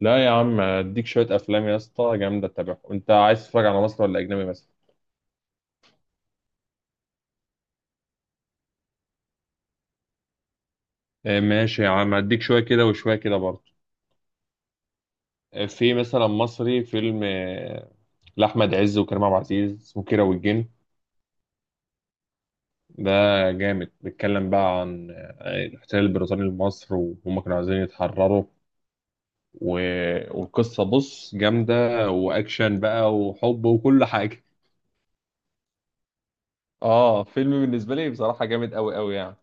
لا يا عم اديك شويه افلام يا اسطى جامده تتابعهم. انت عايز تتفرج على مصري ولا اجنبي مثلا؟ ماشي يا عم اديك شويه كده وشويه كده برضه. في مثلا مصري فيلم لاحمد عز وكريم عبد العزيز، اسمه كيرة والجن. ده جامد، بيتكلم بقى عن الاحتلال البريطاني لمصر، وهم كانوا عايزين يتحرروا، و... والقصه بص جامده، واكشن بقى وحب وكل حاجه. اه، فيلم بالنسبه لي بصراحه جامد قوي قوي يعني.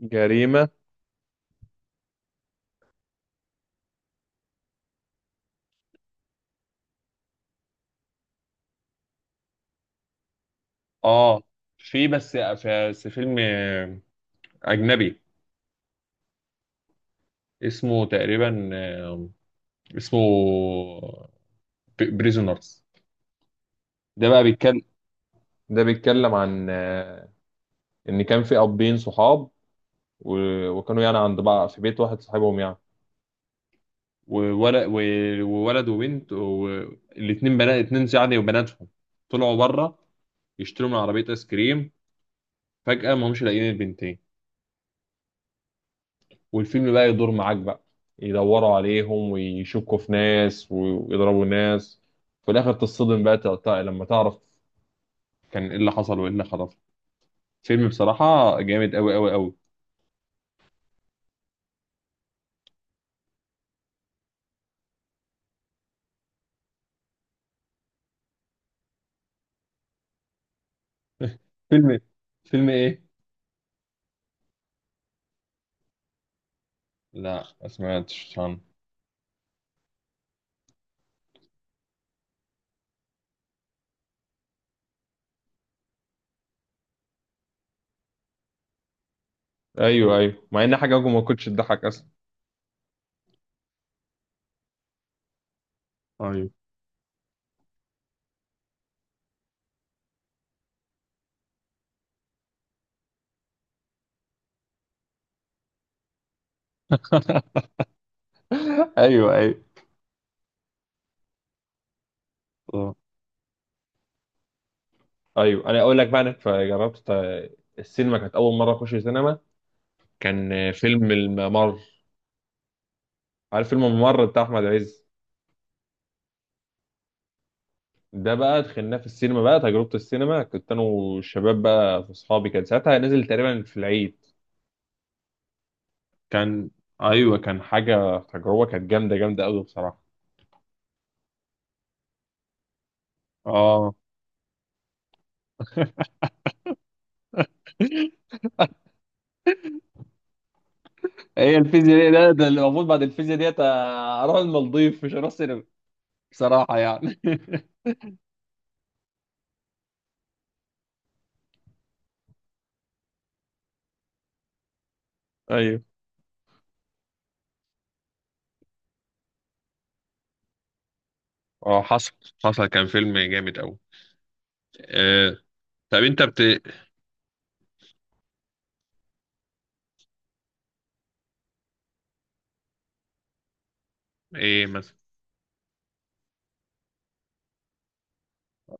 جريمه. اه في بس فيلم اجنبي، اسمه تقريبا اسمه بريزونرز. ده بقى بيتكلم ده بيتكلم عن ان كان في ابين صحاب، وكانوا يعني عند بعض في بيت واحد، صاحبهم يعني، وولد وولد وبنت، والاتنين بنات اتنين يعني، وبناتهم طلعوا بره يشتروا من عربية ايس كريم. فجأة ما همش لاقيين البنتين، والفيلم بقى يدور معاك بقى، يدوروا عليهم ويشكوا في ناس ويضربوا ناس. في الاخر تصطدم بقى، لما تعرف كان ايه اللي حصل وايه اللي حصل. فيلم بصراحة جامد قوي قوي قوي. فيلم ايه؟ فيلم ايه؟ لا، ما سمعتش عنه. ايوه، ايوه، مع ان حاجة ما كنتش تضحك اصلا. ايوه. ايوه، ايوه. آه. ايوه، انا اقول لك بقى. انا جربت السينما، كانت اول مره اخش سينما، كان فيلم الممر. عارف فيلم الممر بتاع احمد عز؟ ده بقى دخلناه في السينما، بقى تجربة السينما، كنت انا والشباب بقى، في اصحابي، كان ساعتها نزل تقريبا في العيد. كان ايوه، كان حاجة، تجربة كانت جامدة جامدة قوي بصراحة. اه. هي الفيزياء دي، ده اللي المفروض بعد الفيزياء ديت اروح المالديف، مش هروح سينما، بصراحة يعني. ايوه. اه، حصل، حصل، كان فيلم جامد قوي. آه. طب انت بت... ايه مثلا؟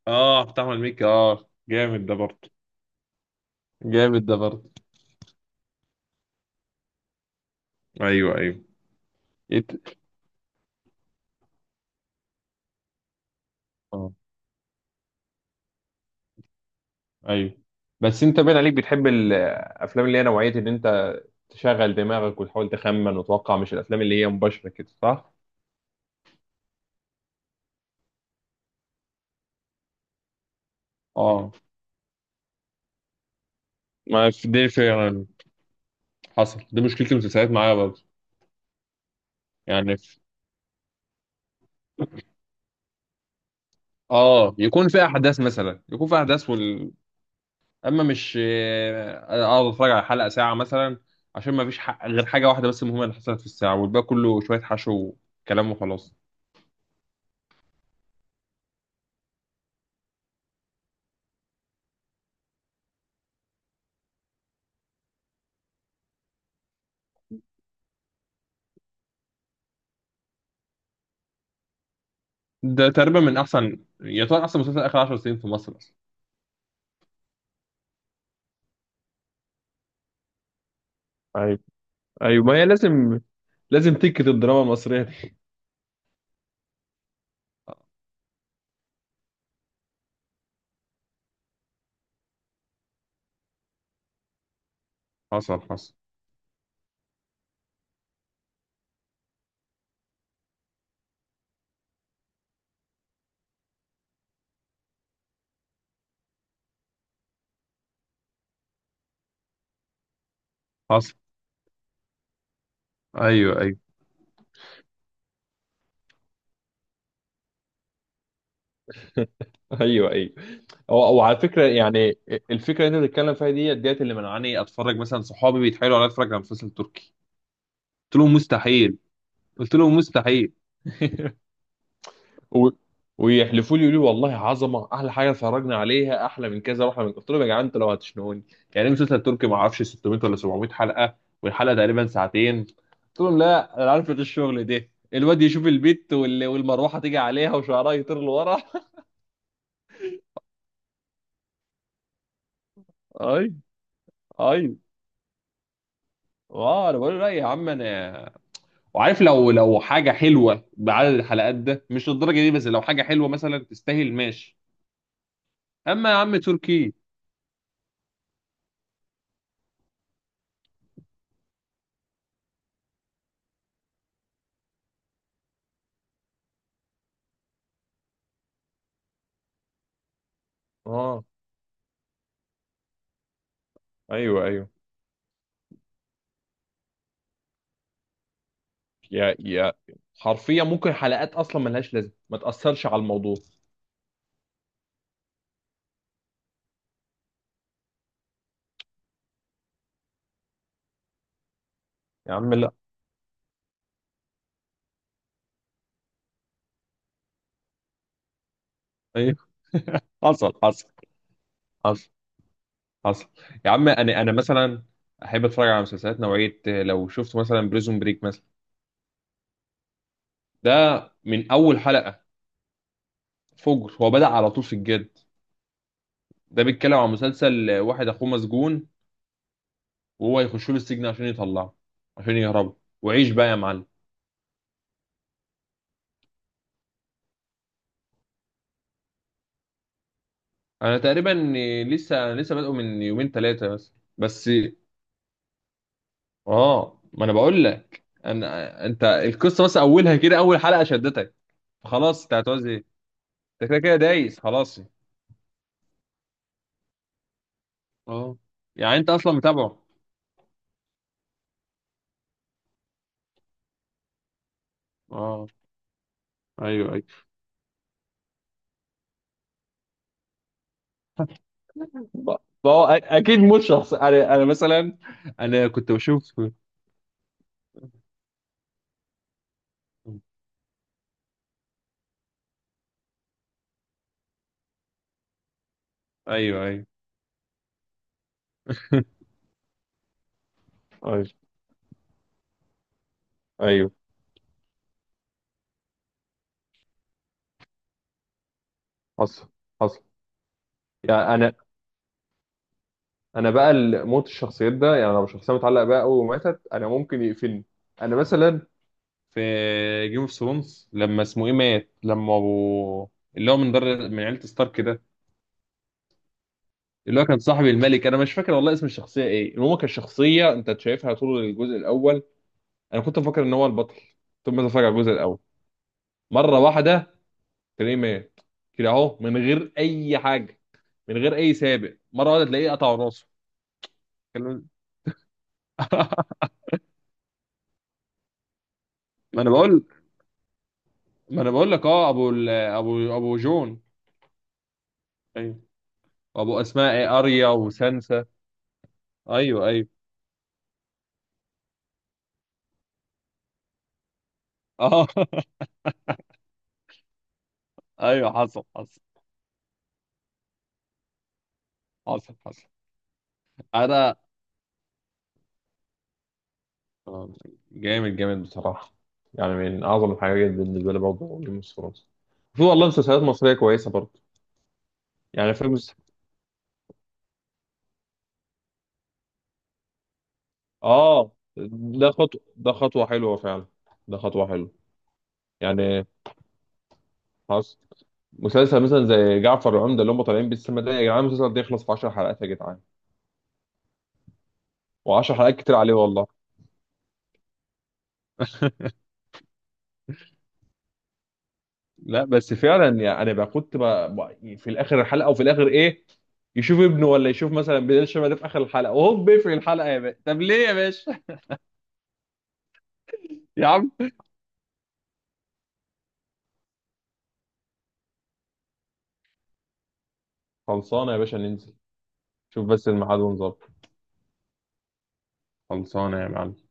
اه بتعمل ميكي، اه جامد ده برضه، جامد ده برضه. ايوه، ايوه. إيه اه، ايوه. بس انت باين عليك بتحب الافلام اللي هي نوعيه ان انت تشغل دماغك وتحاول تخمن وتوقع، مش الافلام اللي هي مباشره كده، صح؟ اه، ما في دي فعلا، حصل، دي مشكلة المسلسلات معايا برضه. يعني اه، يكون في احداث مثلا، يكون في احداث اما مش اقعد اتفرج على حلقة ساعة مثلا، عشان ما فيش غير حاجة واحدة بس مهمة اللي حصلت في الساعة، والباقي كله شوية حشو وكلام وخلاص. ده تقريبا من احسن، يعتبر احسن مسلسل اخر 10 سنين في مصر، اصلا. ايوه، ما هي لازم، تكت الدراما المصريه دي. حصل، حصل، حصل. ايوه، ايوه، ايوه، ايوه. او، او، على فكره يعني، الفكره اللي انت بتتكلم فيها دي، ديت اللي منعاني اتفرج. مثلا صحابي بيتحايلوا عليا اتفرج على مسلسل تركي، قلت لهم مستحيل. قلت لهم مستحيل، و... ويحلفوا لي، يقولوا لي والله عظمه، احلى حاجه اتفرجنا عليها، احلى من كذا، واحلى من كذا. قلت لهم يا جدعان انتوا لو هتشنقوني. يعني إيه مسلسل تركي ما اعرفش 600 ولا 700 حلقه، والحلقه تقريبا ساعتين؟ قلت لهم لا، انا عارفه الشغل ده، الواد يشوف البت والمروحه تيجي عليها وشعرها يطير لورا. اي، اي. اه، انا بقول له لا يا عم، انا وعارف. لو حاجه حلوه بعدد الحلقات ده، مش للدرجه دي، بس لو حاجه حلوه مثلا تستاهل، ماشي. اما يا عم تركي؟ اه، ايوه، ايوه. يا حرفيا ممكن حلقات اصلا ملهاش لازمه، ما تاثرش على الموضوع. يا عم لا. ايوه، حصل، حصل، حصل، حصل. يا عم، انا مثلا احب اتفرج على مسلسلات نوعيه. لو شفت مثلا بريزون بريك مثلا، ده من اول حلقه فجر، هو بدأ على طول في الجد. ده بيتكلم عن مسلسل واحد اخوه مسجون، وهو يخش له السجن عشان يطلعه، عشان يهربه، وعيش بقى يا معلم. انا تقريبا أنا لسه بادئه من يومين ثلاثه بس، بس. اه، ما انا بقول لك. انت القصه بس اولها كده، اول حلقه شدتك خلاص. انت هتعوز ايه؟ انت كده كده دايس خلاص. اه، يعني انت اصلا متابعه؟ اه، ايوه، ايوه. ما ما هو اكيد مش شخص. انا مثلا، انا كنت بشوف. ايوه، ايوه، ايوه، ايوه، حصل، حصل. يعني انا بقى، موت الشخصيات ده، يعني لو شخصيه متعلقه بقى قوي وماتت، انا ممكن يقفلني. انا مثلا في جيم اوف ثرونز، لما اسمه ايه مات، لما ابو، اللي هو من عيله ستارك ده، اللي هو كان صاحب الملك. انا مش فاكر والله اسم الشخصيه ايه، المهم كان شخصيه انت شايفها طول الجزء الاول، انا كنت مفكر ان هو البطل. ثم اتفرج على الجزء الاول مره واحده، تلاقيه مات كده اهو، من غير اي حاجه، من غير اي سابق، مره واحده تلاقيه قطع راسه. كان- ما انا بقول ما انا بقول لك. اه، ابو ابو جون. ايوه، وابو اسماء ايه؟ اريا وسانسا. ايوه، ايوه. اه. ايوه، حصل، حصل، حصل، حصل. انا آه، جامد، جامد بصراحة. يعني من أعظم الحاجات بالنسبة لي برضه جيم اوف ثرونز. في والله مسلسلات مصرية كويسة برضه. يعني آه، ده خطوة حلوة فعلا. ده خطوة حلوة. يعني خلاص، مسلسل مثلا زي جعفر العمدة اللي هم طالعين بالسما ده، يا جدعان المسلسل ده يخلص في 10 حلقات يا جدعان، و10 حلقات كتير عليه والله. لا، بس فعلا يعني انا بقى كنت بقى، في الاخر الحلقه، او في الاخر ايه، يشوف ابنه، ولا يشوف مثلا بلال شبه ده في اخر الحلقه، وهوب بيقفل الحلقه يا باشا. طب ليه يا باشا؟ يا عم، خلصانه يا باشا، ننزل. شوف بس الميعاد ونظبط. خلصانه يا معلم.